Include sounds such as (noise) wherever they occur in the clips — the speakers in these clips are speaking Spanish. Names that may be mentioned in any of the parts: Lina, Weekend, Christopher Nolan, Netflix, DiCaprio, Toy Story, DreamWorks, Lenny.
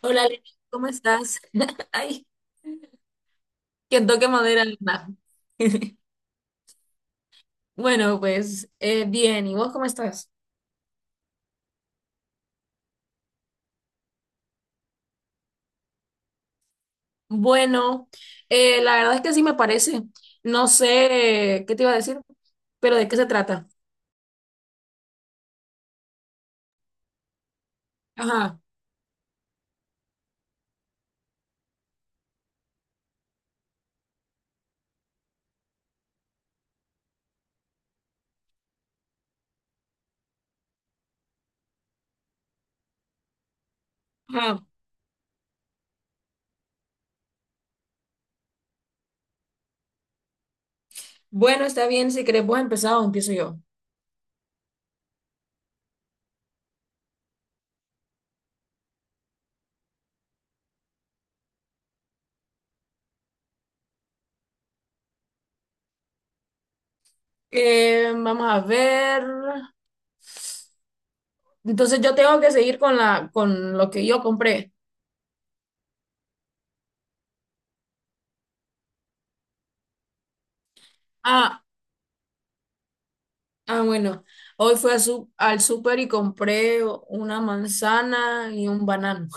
Hola, Lina, ¿cómo estás? (laughs) Ay, que toque madera, Lina. (laughs) Bueno, pues bien, ¿y vos cómo estás? Bueno, la verdad es que sí me parece. No sé qué te iba a decir, pero ¿de qué se trata? Ajá, ajá. Bueno, está bien, si querés vos empezar o empiezo yo. Vamos a ver. Entonces yo tengo que seguir con lo que yo compré. Ah, ah, bueno, hoy fui a su- al súper y compré una manzana y un banano.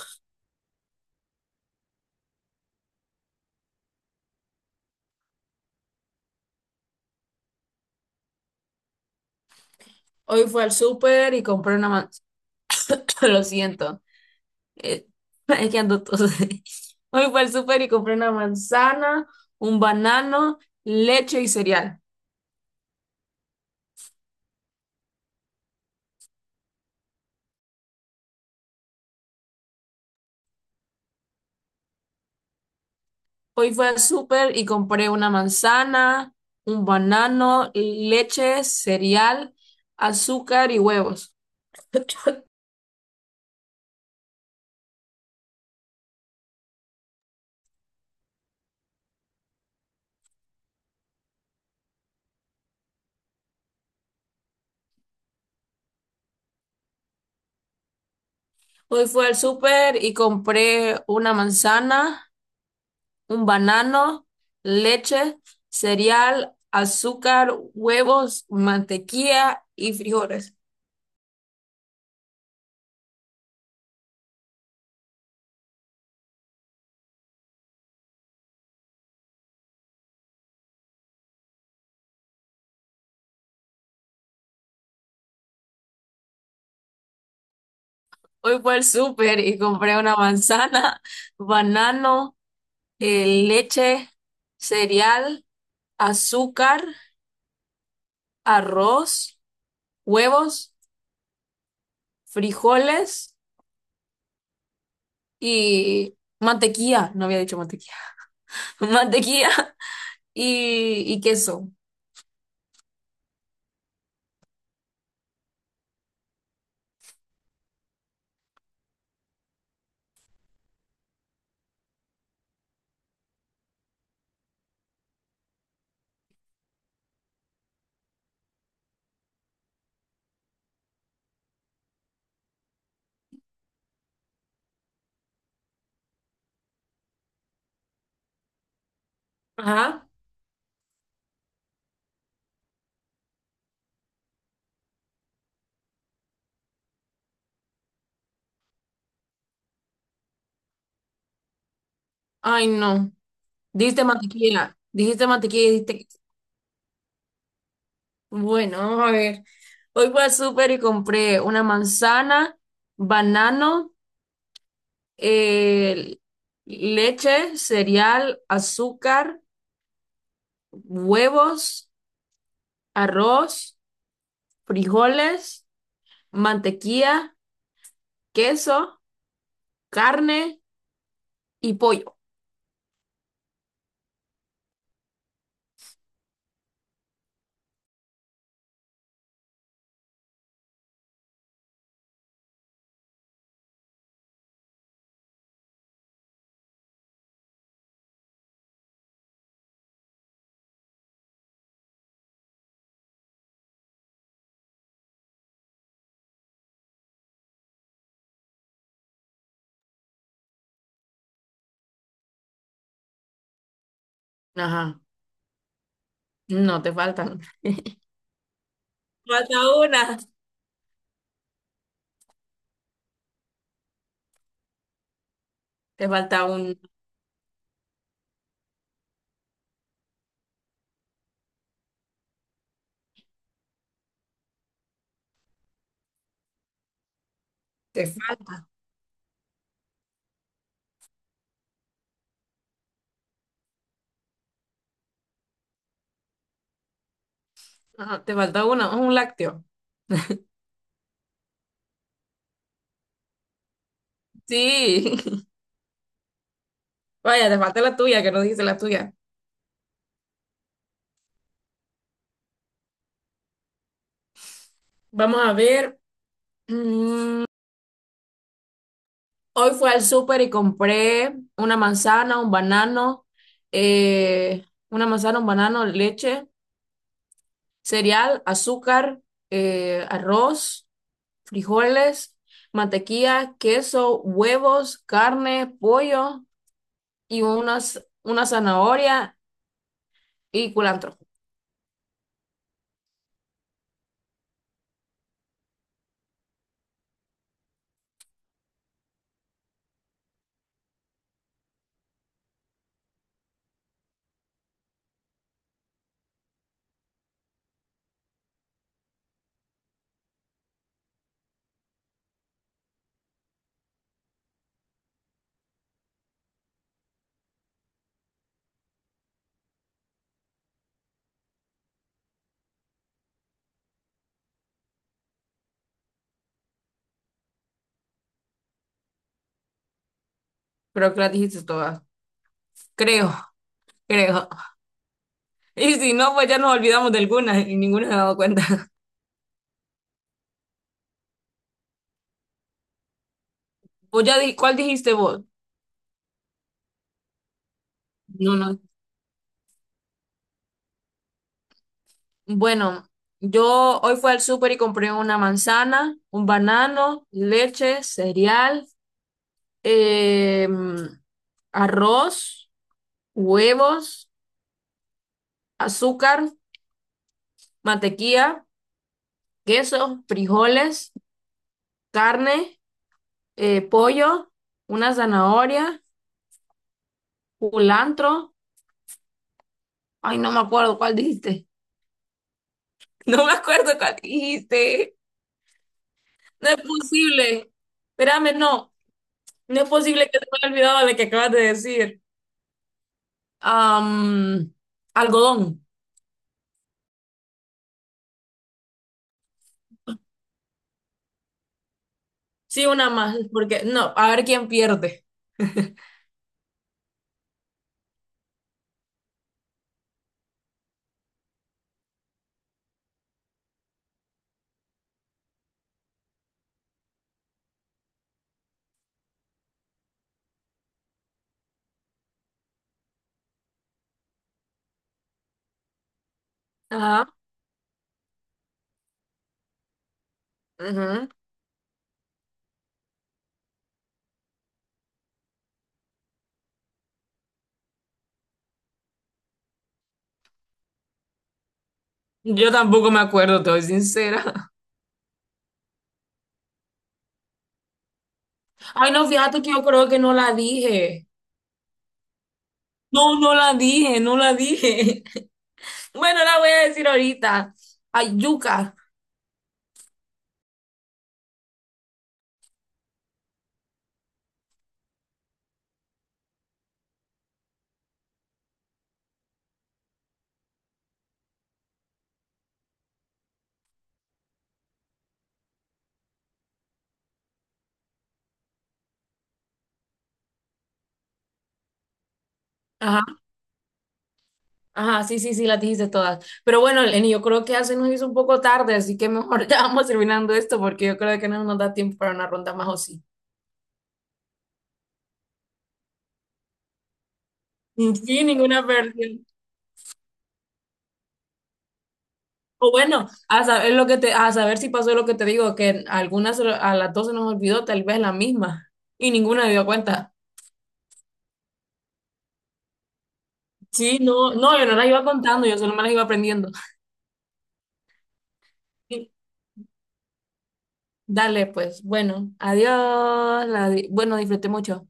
Hoy fui al súper y compré una manzana. (coughs) Lo siento, eh, (laughs) es que ando tos. (laughs) Hoy fui al súper y compré una manzana, un banano, leche y cereal. Hoy fui al súper y compré una manzana, un banano, leche, cereal, azúcar y huevos. (coughs) Hoy fui al súper y compré una manzana, un banano, leche, cereal, azúcar, huevos, mantequilla y frijoles. Hoy fue al súper y compré una manzana, (laughs) banano, leche, cereal, azúcar, arroz, huevos, frijoles y mantequilla. No había dicho mantequilla. (laughs) Mantequilla y queso. Ajá. Ay, no. Dijiste mantequilla. Dijiste mantequilla y dijiste. Bueno, a ver. Hoy fui al súper y compré una manzana, banano, eh, leche, cereal, azúcar, huevos, arroz, frijoles, mantequilla, queso, carne y pollo. Ajá. No, te faltan. Falta una. Te falta un. Te falta. Ajá, te falta una, un lácteo. Sí. (laughs) Vaya, te falta la tuya, que no dijiste la tuya. Vamos a ver. Mm, hoy fui al súper y compré una manzana, un banano, eh, leche, cereal, azúcar, arroz, frijoles, mantequilla, queso, huevos, carne, pollo y una zanahoria y culantro. Creo que las dijiste todas. Creo, creo. (laughs) Y si no, pues ya nos olvidamos de alguna y ninguna se ha dado cuenta. (laughs) ¿Cuál dijiste vos? No, no. Bueno, yo hoy fui al súper y compré una manzana, un banano, leche, cereal, em, arroz, huevos, azúcar, mantequilla, queso, frijoles, carne, pollo, una zanahoria, culantro. Ay, no me acuerdo cuál dijiste. (laughs) No me acuerdo cuál dijiste. No es posible. Espérame, no. No es posible que te haya olvidado de que acabas de decir. Am, algodón. Sí, una más, porque no, a ver quién pierde. (laughs) Ajá. Ujú. Yo tampoco me acuerdo, te soy sincera. (laughs) Ay, no, fíjate que yo creo que no la dije. No, no la dije, no la dije. (laughs) Bueno, la voy a decir ahorita. Ay, yuca. Ajá, ajá, sí, sí, sí, las dijiste todas. Pero bueno, Lenny, yo creo que ya se nos hizo un poco tarde, así que mejor (laughs) ya vamos terminando esto porque yo creo que no nos da tiempo para una ronda más o sí. Sí, ninguna pérdida. O bueno, a saber lo que te, a saber si pasó lo que te digo, que algunas a las 12 nos olvidó, tal vez la misma, y ninguna dio cuenta. Sí, no, no, yo no las iba contando, yo solo me las iba aprendiendo. (laughs) Dale, pues, bueno, bueno, disfruté mucho.